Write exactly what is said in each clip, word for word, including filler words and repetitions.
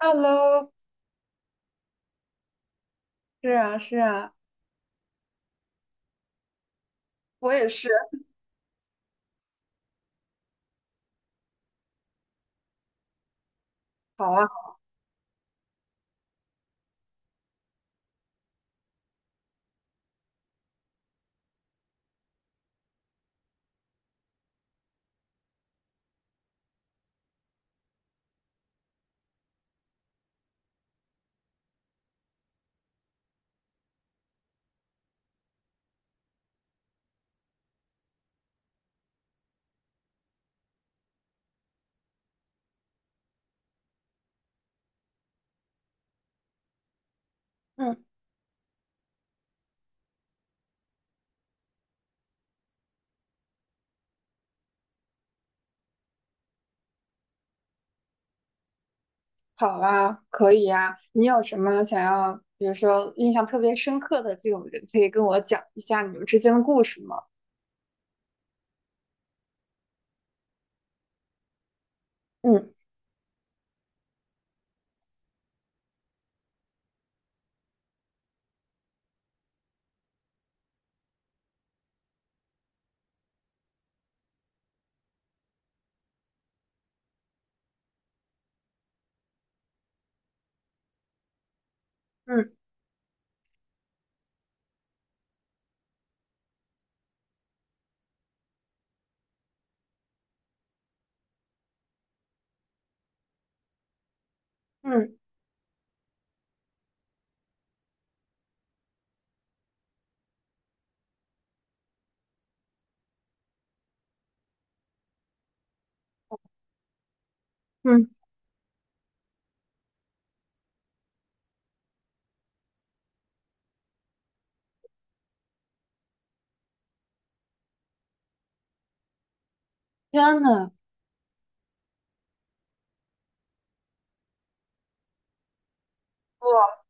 Hello。是啊，是啊。我也是。好啊。嗯，好啊，可以啊。你有什么想要，比如说印象特别深刻的这种人，可以跟我讲一下你们之间的故事吗？嗯。嗯。嗯。嗯。天呐。哇。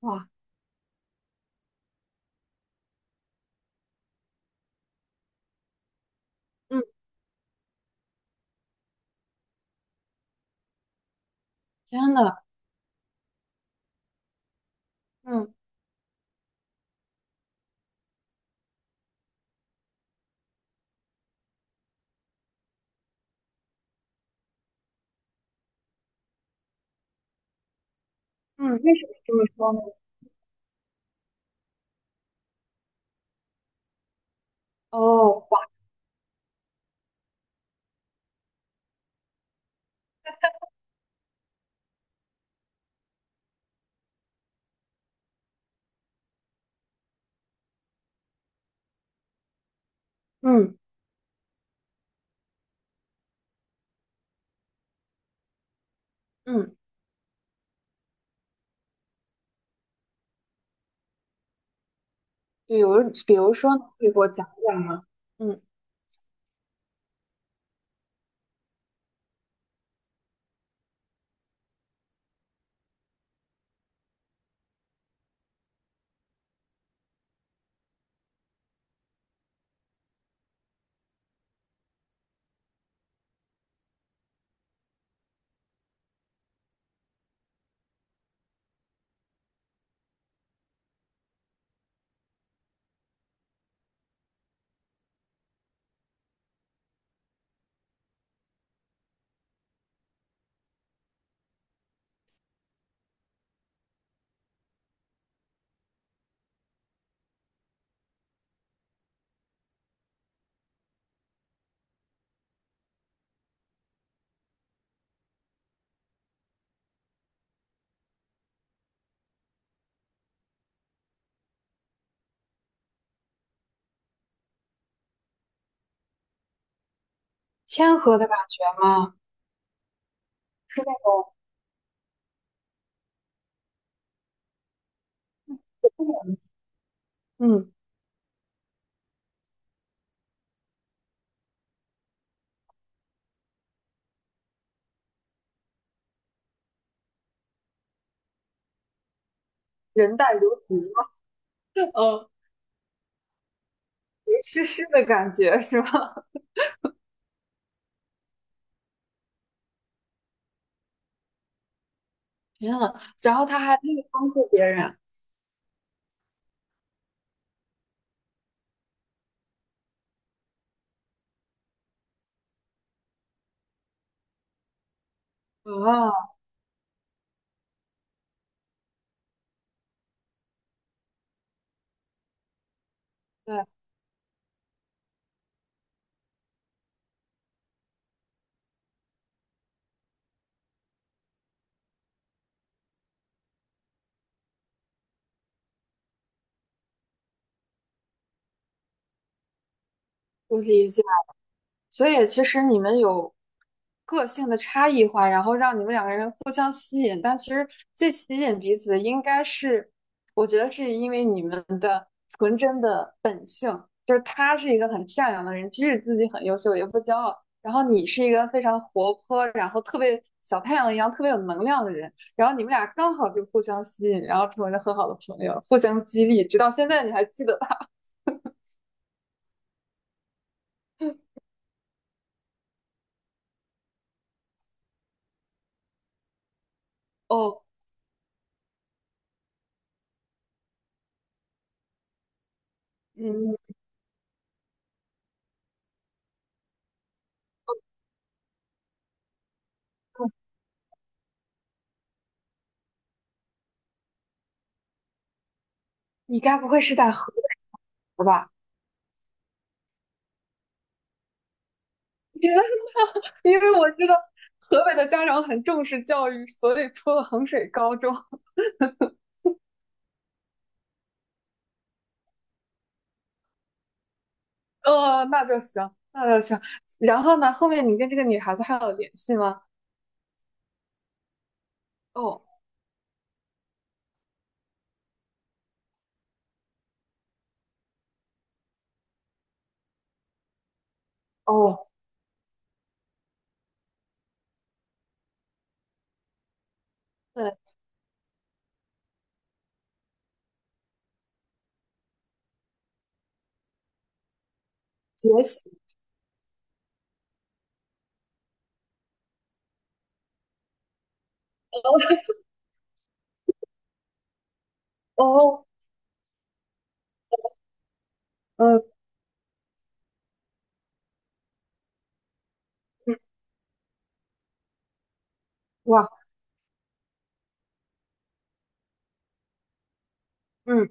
哇。嗯。天呐。嗯。嗯。为什么这么说呢？哦。嗯。嗯。比如比如说呢，可以给我讲讲吗？嗯，谦和的感觉吗？是那种。嗯，人淡如菊吗？嗯。没湿湿的感觉是吧？天呐。然后他还可以帮助别人。啊！对，我理解。所以其实你们有个性的差异化，然后让你们两个人互相吸引，但其实最吸引彼此的应该是，我觉得是因为你们的纯真的本性，就是他是一个很善良的人，即使自己很优秀也不骄傲，然后你是一个非常活泼，然后特别小太阳一样特别有能量的人，然后你们俩刚好就互相吸引，然后成为了很好的朋友，互相激励，直到现在你还记得他。哦，嗯，你该不会是在河吧？天呐，因为我知道河北的家长很重视教育，所以出了衡水高中。呃，那就行，那就行。然后呢，后面你跟这个女孩子还有联系吗？哦。哦，对，学习。哦。嗯。嗯。哇。嗯。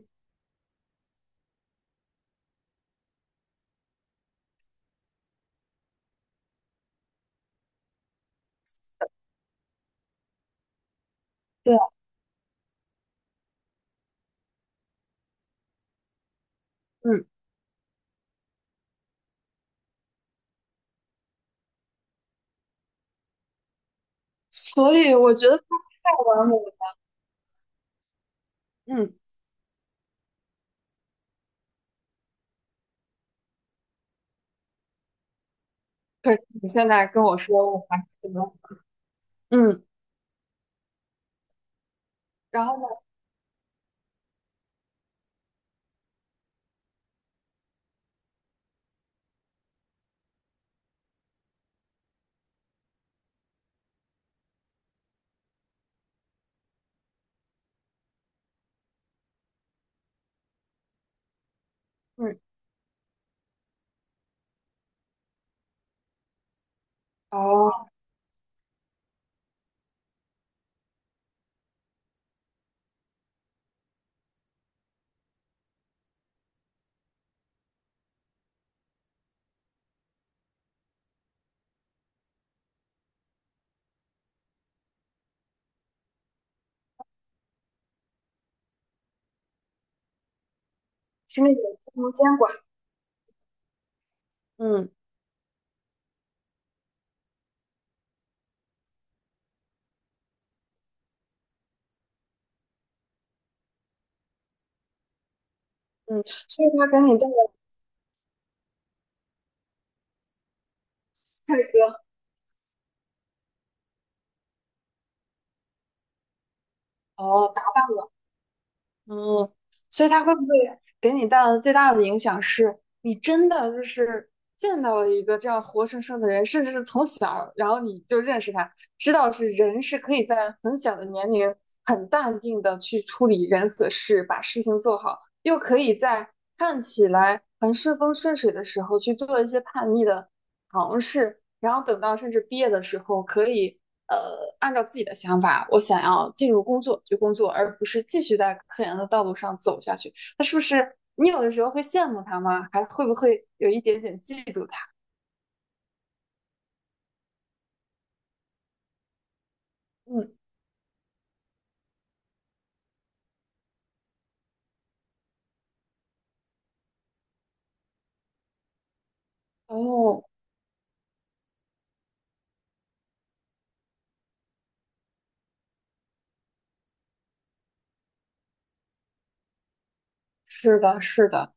对。嗯。所以我觉得太完美了。嗯，可是你现在跟我说我还是觉得。嗯，然后呢？嗯。哦，是那种不能监管。嗯。嗯。所以他给你带了帅哥。哦，打扮。嗯。所以他会不会给你带来的最大的影响是，你真的就是见到了一个这样活生生的人，甚至是从小，然后你就认识他，知道是人是可以在很小的年龄很淡定的去处理人和事，把事情做好，又可以在看起来很顺风顺水的时候去做一些叛逆的尝试，然后等到甚至毕业的时候，可以呃，按照自己的想法，我想要进入工作去工作，而不是继续在科研的道路上走下去。那是不是你有的时候会羡慕他吗？还会不会有一点点嫉妒他？嗯。哦，是的，是的。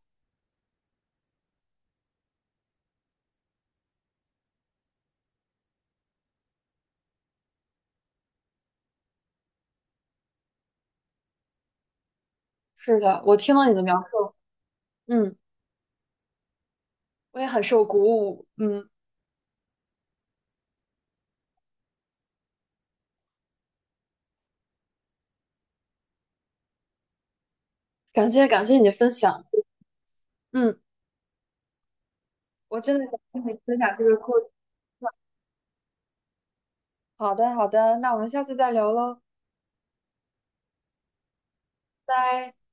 是的，我听了你的描述。嗯，我也很受鼓舞。嗯，感谢感谢你的分享。嗯，我真的感谢你分享这个故事。好的，好的，那我们下次再聊喽。拜拜。